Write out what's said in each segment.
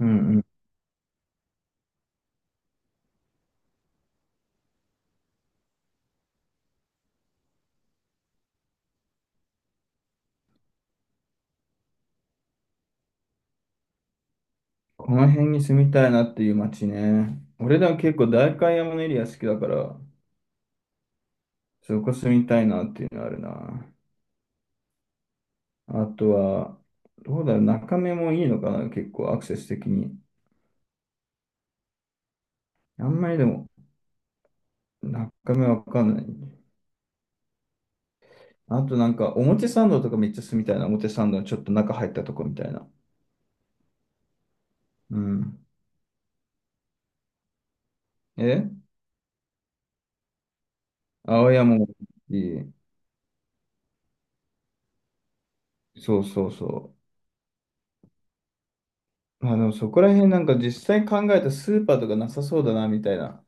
うんうん。この辺に住みたいなっていう街ね。俺ら結構代官山のエリア好きだから、そこ住みたいなっていうのあるな。あとは、どうだろう、中目もいいのかな、結構アクセス的に。あんまりでも、中目わかんない。あとなんか、表参道とかめっちゃ住みたいな。表参道のちょっと中入ったとこみたいな。うん。え、青山もいい。そう。まあの、そこら辺なんか実際考えたスーパーとかなさそうだな、みたいな。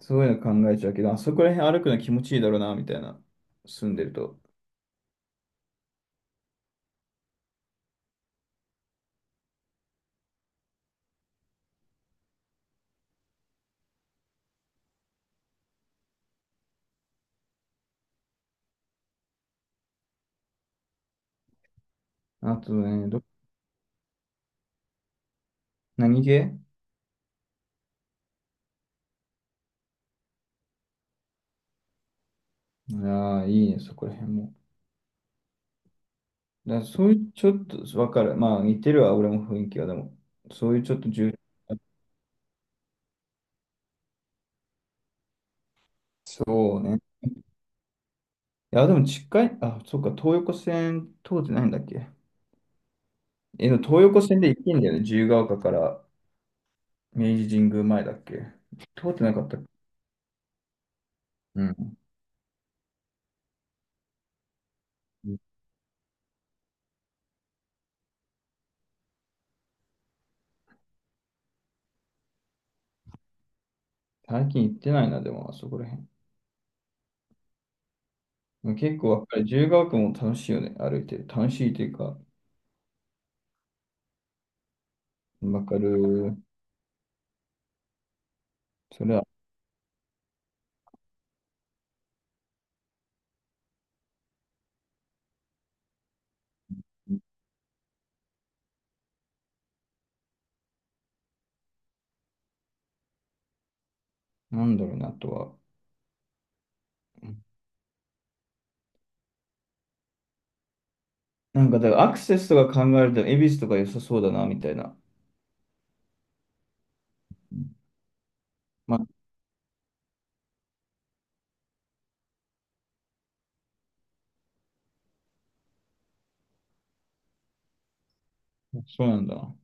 そういうの考えちゃうけど、あそこら辺歩くの気持ちいいだろうな、みたいな。住んでると。あとね、何系？ああ、いいね、そこら辺も。だからそういう、ちょっと、わかる。まあ、似てるわ、俺も雰囲気は。でも、そういうちょっと重そうね。いや、でも近い、あ、そっか、東横線通ってないんだっけ？え、でも東横線で行けんだよね。自由が丘から明治神宮前だっけ？通ってなかったっけ？うん。最近行ってないな、でも、あそこら辺。結構わかる。自由が丘も楽しいよね、歩いてる。楽しいというか、わかる。それは、なんだろうな、あとは。なんか、だからアクセスとか考えると、恵比寿とか良さそうだな、みたいな。うん、まあ、そうなんだな。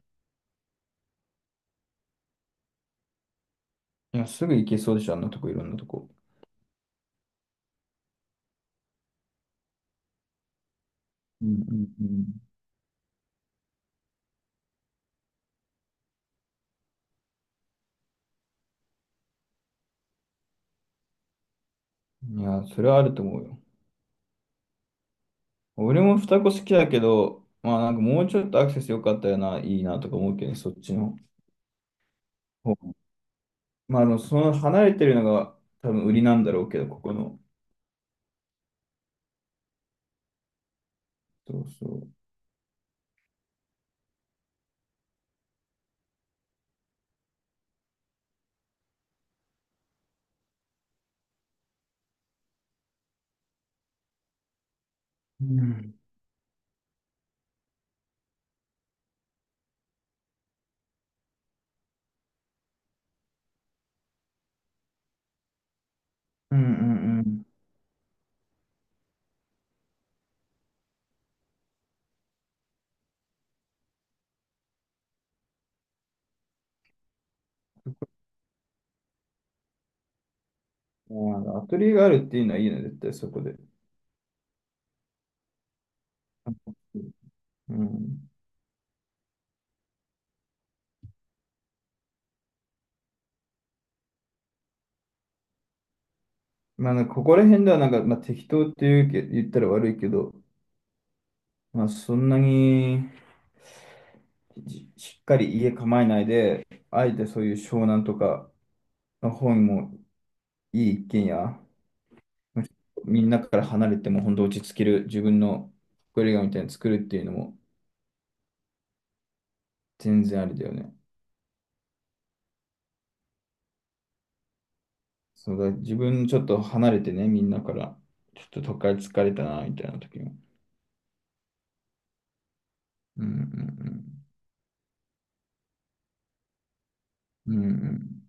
いや、すぐ行けそうでしょ、あんなとこ、いろんなとこ。うんうんうん。いや、それはあると思うよ。俺も双子好きだけど、まあなんかもうちょっとアクセス良かったよな、いいなとか思うけどね、そっちの方。まあ、あの、その離れてるのが多分売りなんだろうけど、ここの。そうそう。うんうんうん。まあアトリエがあるっていうのはいいね、絶対そこで。うん。まあ、なんかここら辺ではなんか、まあ、適当っていうけ、言ったら悪いけど、まあ、そんなにしっかり家構えないで、あえてそういう湘南とかの方にもいい一軒家、みんなから離れても本当落ち着ける自分の隠れ家みたいに作るっていうのも全然ありだよね。そうだ、自分ちょっと離れてね、みんなから、ちょっと都会疲れたな、みたいな時に。うんうん。うん。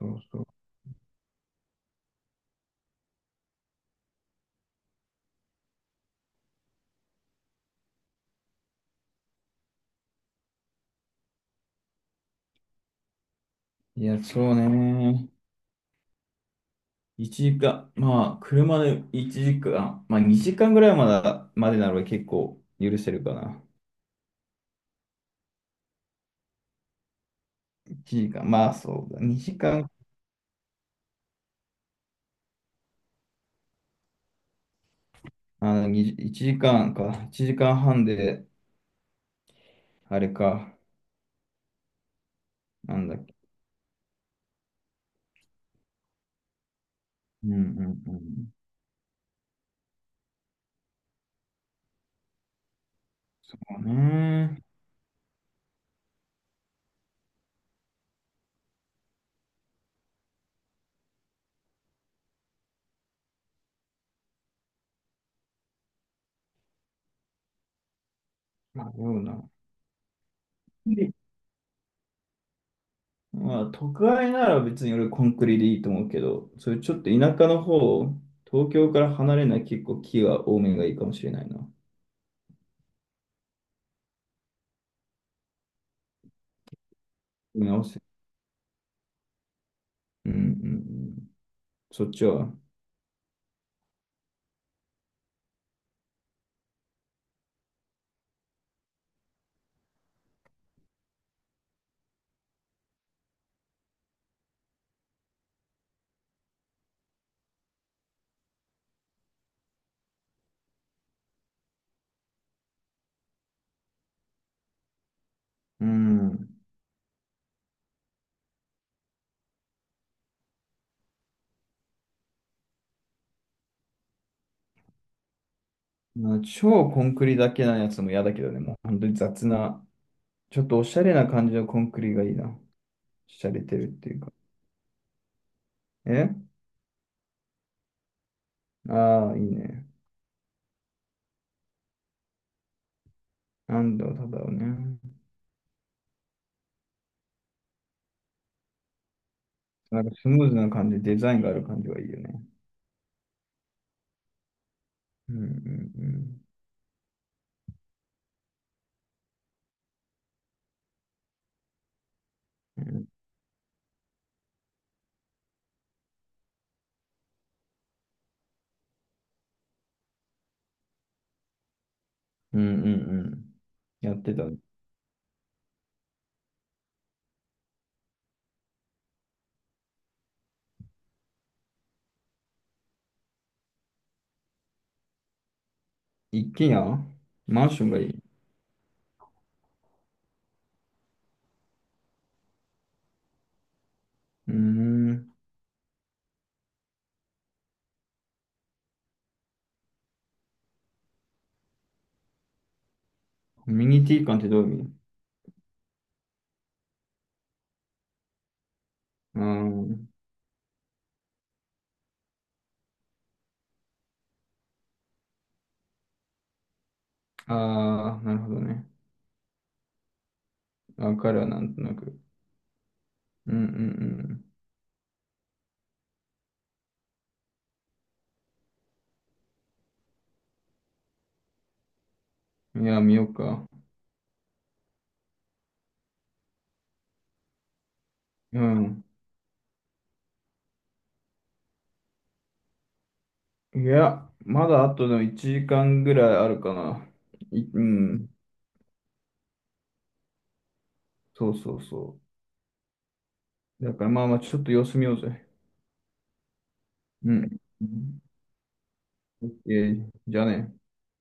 そうそう。いや、そうね。1時間、まあ、車で1時間、まあ、2時間ぐらいまだ、までなら結構許せるかな。1時間、まあそうだ。2時間、1時間かんか。1時間半で、あれか。なんだっけ。うん。そうね。まあ、そうだ。まあ、都会なら別に俺コンクリでいいと思うけど、それちょっと田舎の方、東京から離れない結構木が多めがいいかもしれないな。見直せ。うん。そっちは。うん。まあ、超コンクリだけなやつも嫌だけどね、もう本当に雑な、ちょっとおしゃれな感じのコンクリがいいな。しゃれてるっていうか。え、ああー、いいね。なんだろう、ただをね。なんかスムーズな感じ、デザインがある感じがいいよね。うんうんうん。うん。やってた。一軒家？マンションがいい。うーん。コミュニティ感ってどういう意味？うーん。ああ、なるほどね。わかるわ、なんとなく。うんうんうん。いや、見ようか。うん。いや、まだあとの1時間ぐらいあるかな。い、うん。そうそうそう。だからまあまあ、ちょっと様子見ようぜ。うん。オッケー。じゃあね。